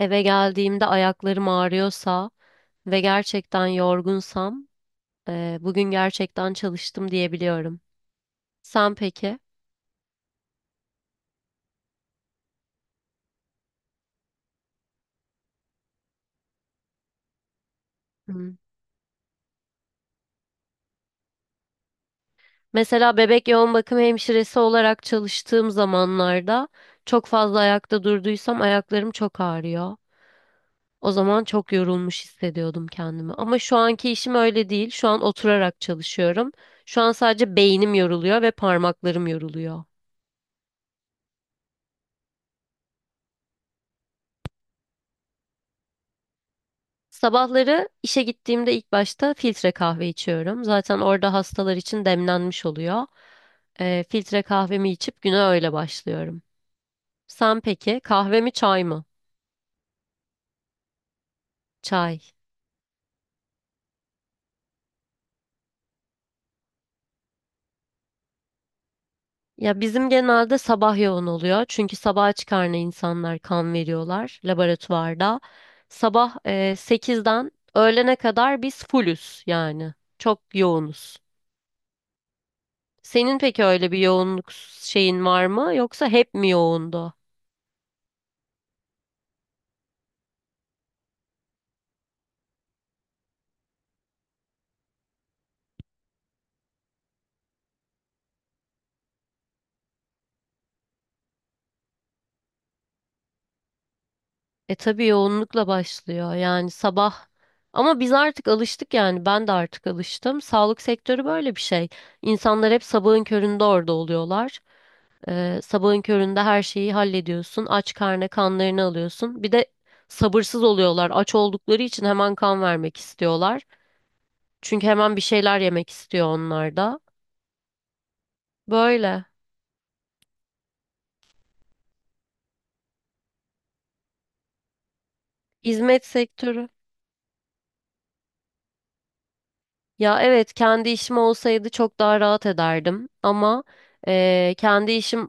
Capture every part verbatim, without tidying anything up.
Eve geldiğimde ayaklarım ağrıyorsa ve gerçekten yorgunsam, eee, bugün gerçekten çalıştım diyebiliyorum. Sen peki? Hmm. Mesela bebek yoğun bakım hemşiresi olarak çalıştığım zamanlarda çok fazla ayakta durduysam ayaklarım çok ağrıyor. O zaman çok yorulmuş hissediyordum kendimi. Ama şu anki işim öyle değil. Şu an oturarak çalışıyorum. Şu an sadece beynim yoruluyor ve parmaklarım yoruluyor. Sabahları işe gittiğimde ilk başta filtre kahve içiyorum. Zaten orada hastalar için demlenmiş oluyor. Ee, filtre kahvemi içip güne öyle başlıyorum. Sen peki kahve mi çay mı? Çay. Ya bizim genelde sabah yoğun oluyor. Çünkü sabaha çıkarına insanlar kan veriyorlar laboratuvarda. Sabah e, sekizden öğlene kadar biz fullüz yani. Çok yoğunuz. Senin peki öyle bir yoğunluk şeyin var mı yoksa hep mi yoğundu? E tabii yoğunlukla başlıyor yani sabah ama biz artık alıştık yani ben de artık alıştım. Sağlık sektörü böyle bir şey. İnsanlar hep sabahın köründe orada oluyorlar. Ee, sabahın köründe her şeyi hallediyorsun. Aç karnına kanlarını alıyorsun. Bir de sabırsız oluyorlar. Aç oldukları için hemen kan vermek istiyorlar. Çünkü hemen bir şeyler yemek istiyor onlar da. Böyle. Hizmet sektörü. Ya evet, kendi işim olsaydı çok daha rahat ederdim ama eee, kendi işim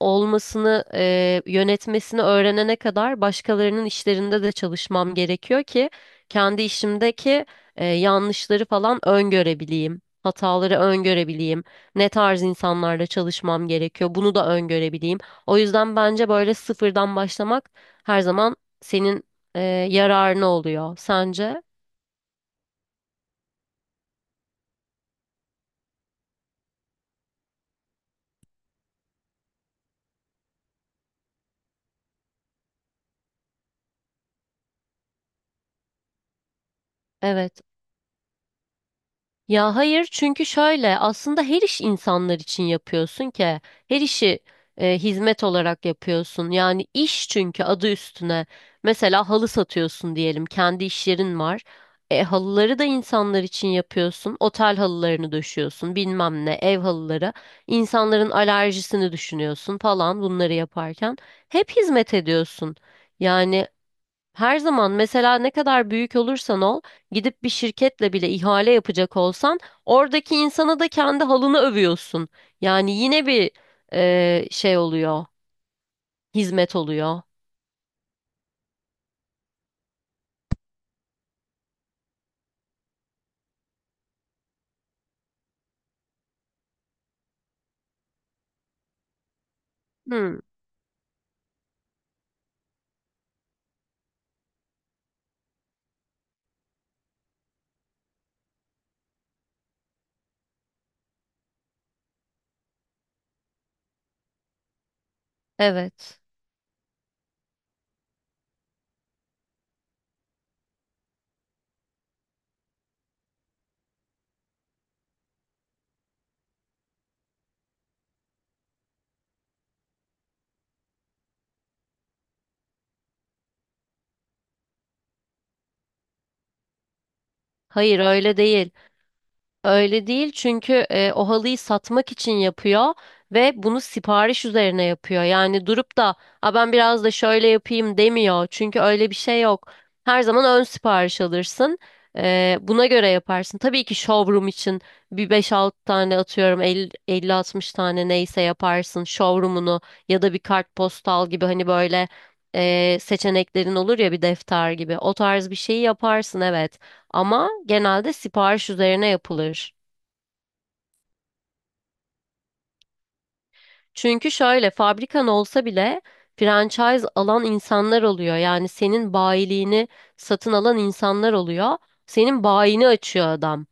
olmasını, e, yönetmesini öğrenene kadar başkalarının işlerinde de çalışmam gerekiyor ki kendi işimdeki e, yanlışları falan öngörebileyim. Hataları öngörebileyim. Ne tarz insanlarla çalışmam gerekiyor. Bunu da öngörebileyim. O yüzden bence böyle sıfırdan başlamak her zaman senin e, yararına oluyor. Sence? Evet. Ya hayır, çünkü şöyle, aslında her iş insanlar için yapıyorsun ki her işi e, hizmet olarak yapıyorsun. Yani iş, çünkü adı üstüne. Mesela halı satıyorsun diyelim, kendi iş yerin var, e, halıları da insanlar için yapıyorsun, otel halılarını döşüyorsun, bilmem ne, ev halıları, insanların alerjisini düşünüyorsun falan. Bunları yaparken hep hizmet ediyorsun yani. Her zaman, mesela ne kadar büyük olursan ol, gidip bir şirketle bile ihale yapacak olsan, oradaki insana da kendi halını övüyorsun. Yani yine bir e, şey oluyor, hizmet oluyor. Hmm, evet. Hayır, öyle değil. Öyle değil, çünkü e, o halıyı satmak için yapıyor ve bunu sipariş üzerine yapıyor. Yani durup da "A, ben biraz da şöyle yapayım" demiyor. Çünkü öyle bir şey yok. Her zaman ön sipariş alırsın. E, buna göre yaparsın. Tabii ki showroom için bir beş altı tane, atıyorum elli altmış tane, neyse yaparsın showroom'unu, ya da bir kartpostal gibi, hani böyle e, seçeneklerin olur ya, bir defter gibi. O tarz bir şeyi yaparsın, evet. Ama genelde sipariş üzerine yapılır. Çünkü şöyle, fabrikan olsa bile franchise alan insanlar oluyor. Yani senin bayiliğini satın alan insanlar oluyor. Senin bayini açıyor adam.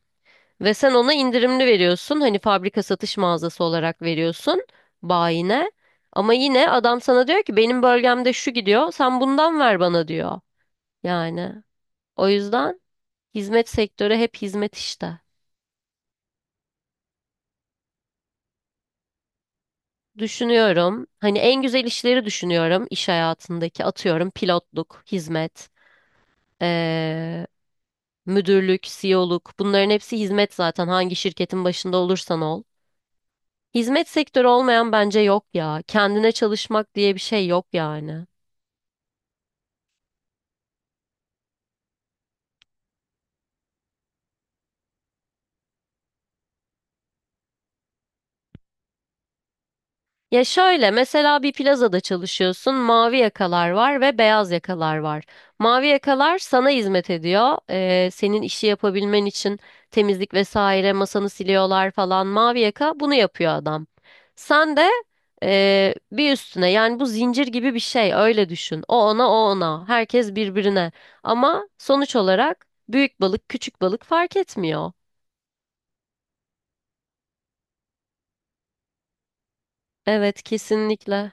Ve sen ona indirimli veriyorsun. Hani fabrika satış mağazası olarak veriyorsun bayine. Ama yine adam sana diyor ki benim bölgemde şu gidiyor. Sen bundan ver bana diyor. Yani o yüzden hizmet sektörü hep hizmet işte. Düşünüyorum. Hani en güzel işleri düşünüyorum iş hayatındaki. Atıyorum pilotluk, hizmet, eee, müdürlük, C E O'luk. Bunların hepsi hizmet zaten, hangi şirketin başında olursan ol. Hizmet sektörü olmayan bence yok ya. Kendine çalışmak diye bir şey yok yani. Ya şöyle, mesela bir plazada çalışıyorsun, mavi yakalar var ve beyaz yakalar var. Mavi yakalar sana hizmet ediyor. Ee, senin işi yapabilmen için temizlik vesaire, masanı siliyorlar falan. Mavi yaka bunu yapıyor adam. Sen de ee, bir üstüne, yani bu zincir gibi bir şey, öyle düşün. O ona, o ona, herkes birbirine, ama sonuç olarak büyük balık küçük balık fark etmiyor. Evet, kesinlikle.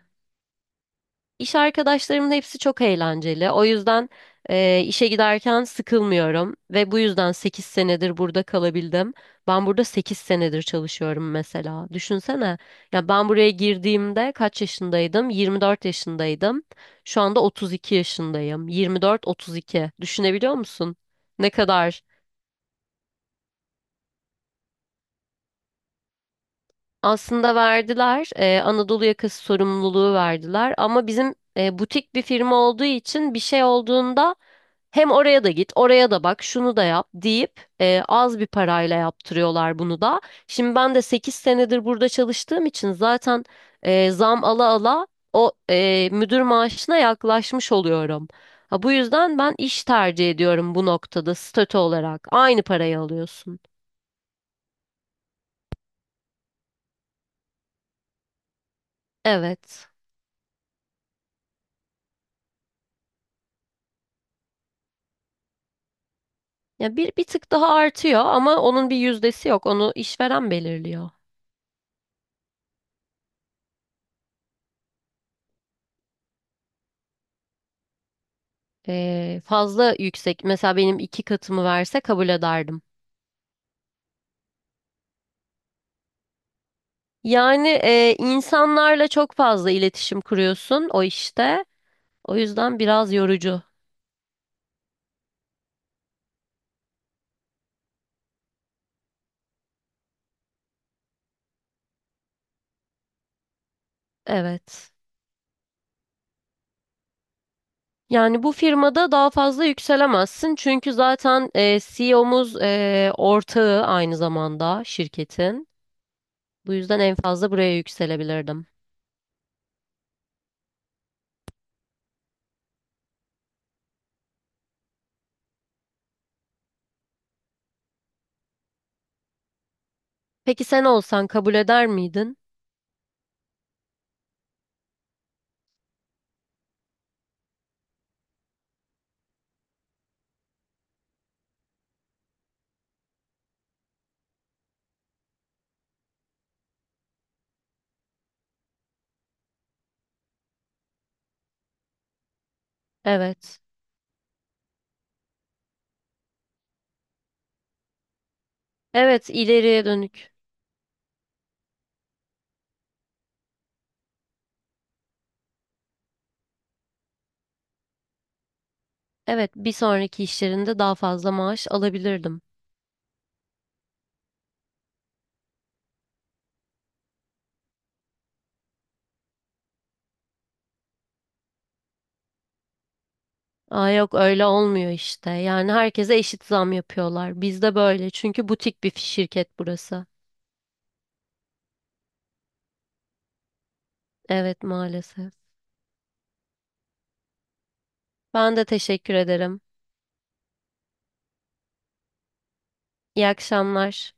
İş arkadaşlarımın hepsi çok eğlenceli. O yüzden eee, işe giderken sıkılmıyorum ve bu yüzden sekiz senedir burada kalabildim. Ben burada sekiz senedir çalışıyorum mesela. Düşünsene. Ya ben buraya girdiğimde kaç yaşındaydım? Yirmi dört yaşındaydım. Şu anda otuz iki yaşındayım. Yirmi dört, otuz iki. Düşünebiliyor musun? Ne kadar? Aslında verdiler, eee, Anadolu yakası sorumluluğu verdiler, ama bizim eee, butik bir firma olduğu için bir şey olduğunda hem oraya da git, oraya da bak, şunu da yap deyip e, az bir parayla yaptırıyorlar bunu da. Şimdi ben de sekiz senedir burada çalıştığım için zaten e, zam ala ala o e, müdür maaşına yaklaşmış oluyorum. Ha, bu yüzden ben iş tercih ediyorum bu noktada, statü olarak. Aynı parayı alıyorsun. Evet. Ya bir bir tık daha artıyor ama onun bir yüzdesi yok. Onu işveren belirliyor. E, fazla yüksek. Mesela benim iki katımı verse kabul ederdim. Yani e, insanlarla çok fazla iletişim kuruyorsun o işte. O yüzden biraz yorucu. Evet. Yani bu firmada daha fazla yükselemezsin, çünkü zaten e, C E O'muz e, O'muz e, ortağı aynı zamanda şirketin. Bu yüzden en fazla buraya yükselebilirdim. Peki sen olsan kabul eder miydin? Evet. Evet, ileriye dönük. Evet, bir sonraki işlerinde daha fazla maaş alabilirdim. Aa, yok, öyle olmuyor işte. Yani herkese eşit zam yapıyorlar. Bizde böyle. Çünkü butik bir şirket burası. Evet, maalesef. Ben de teşekkür ederim. İyi akşamlar.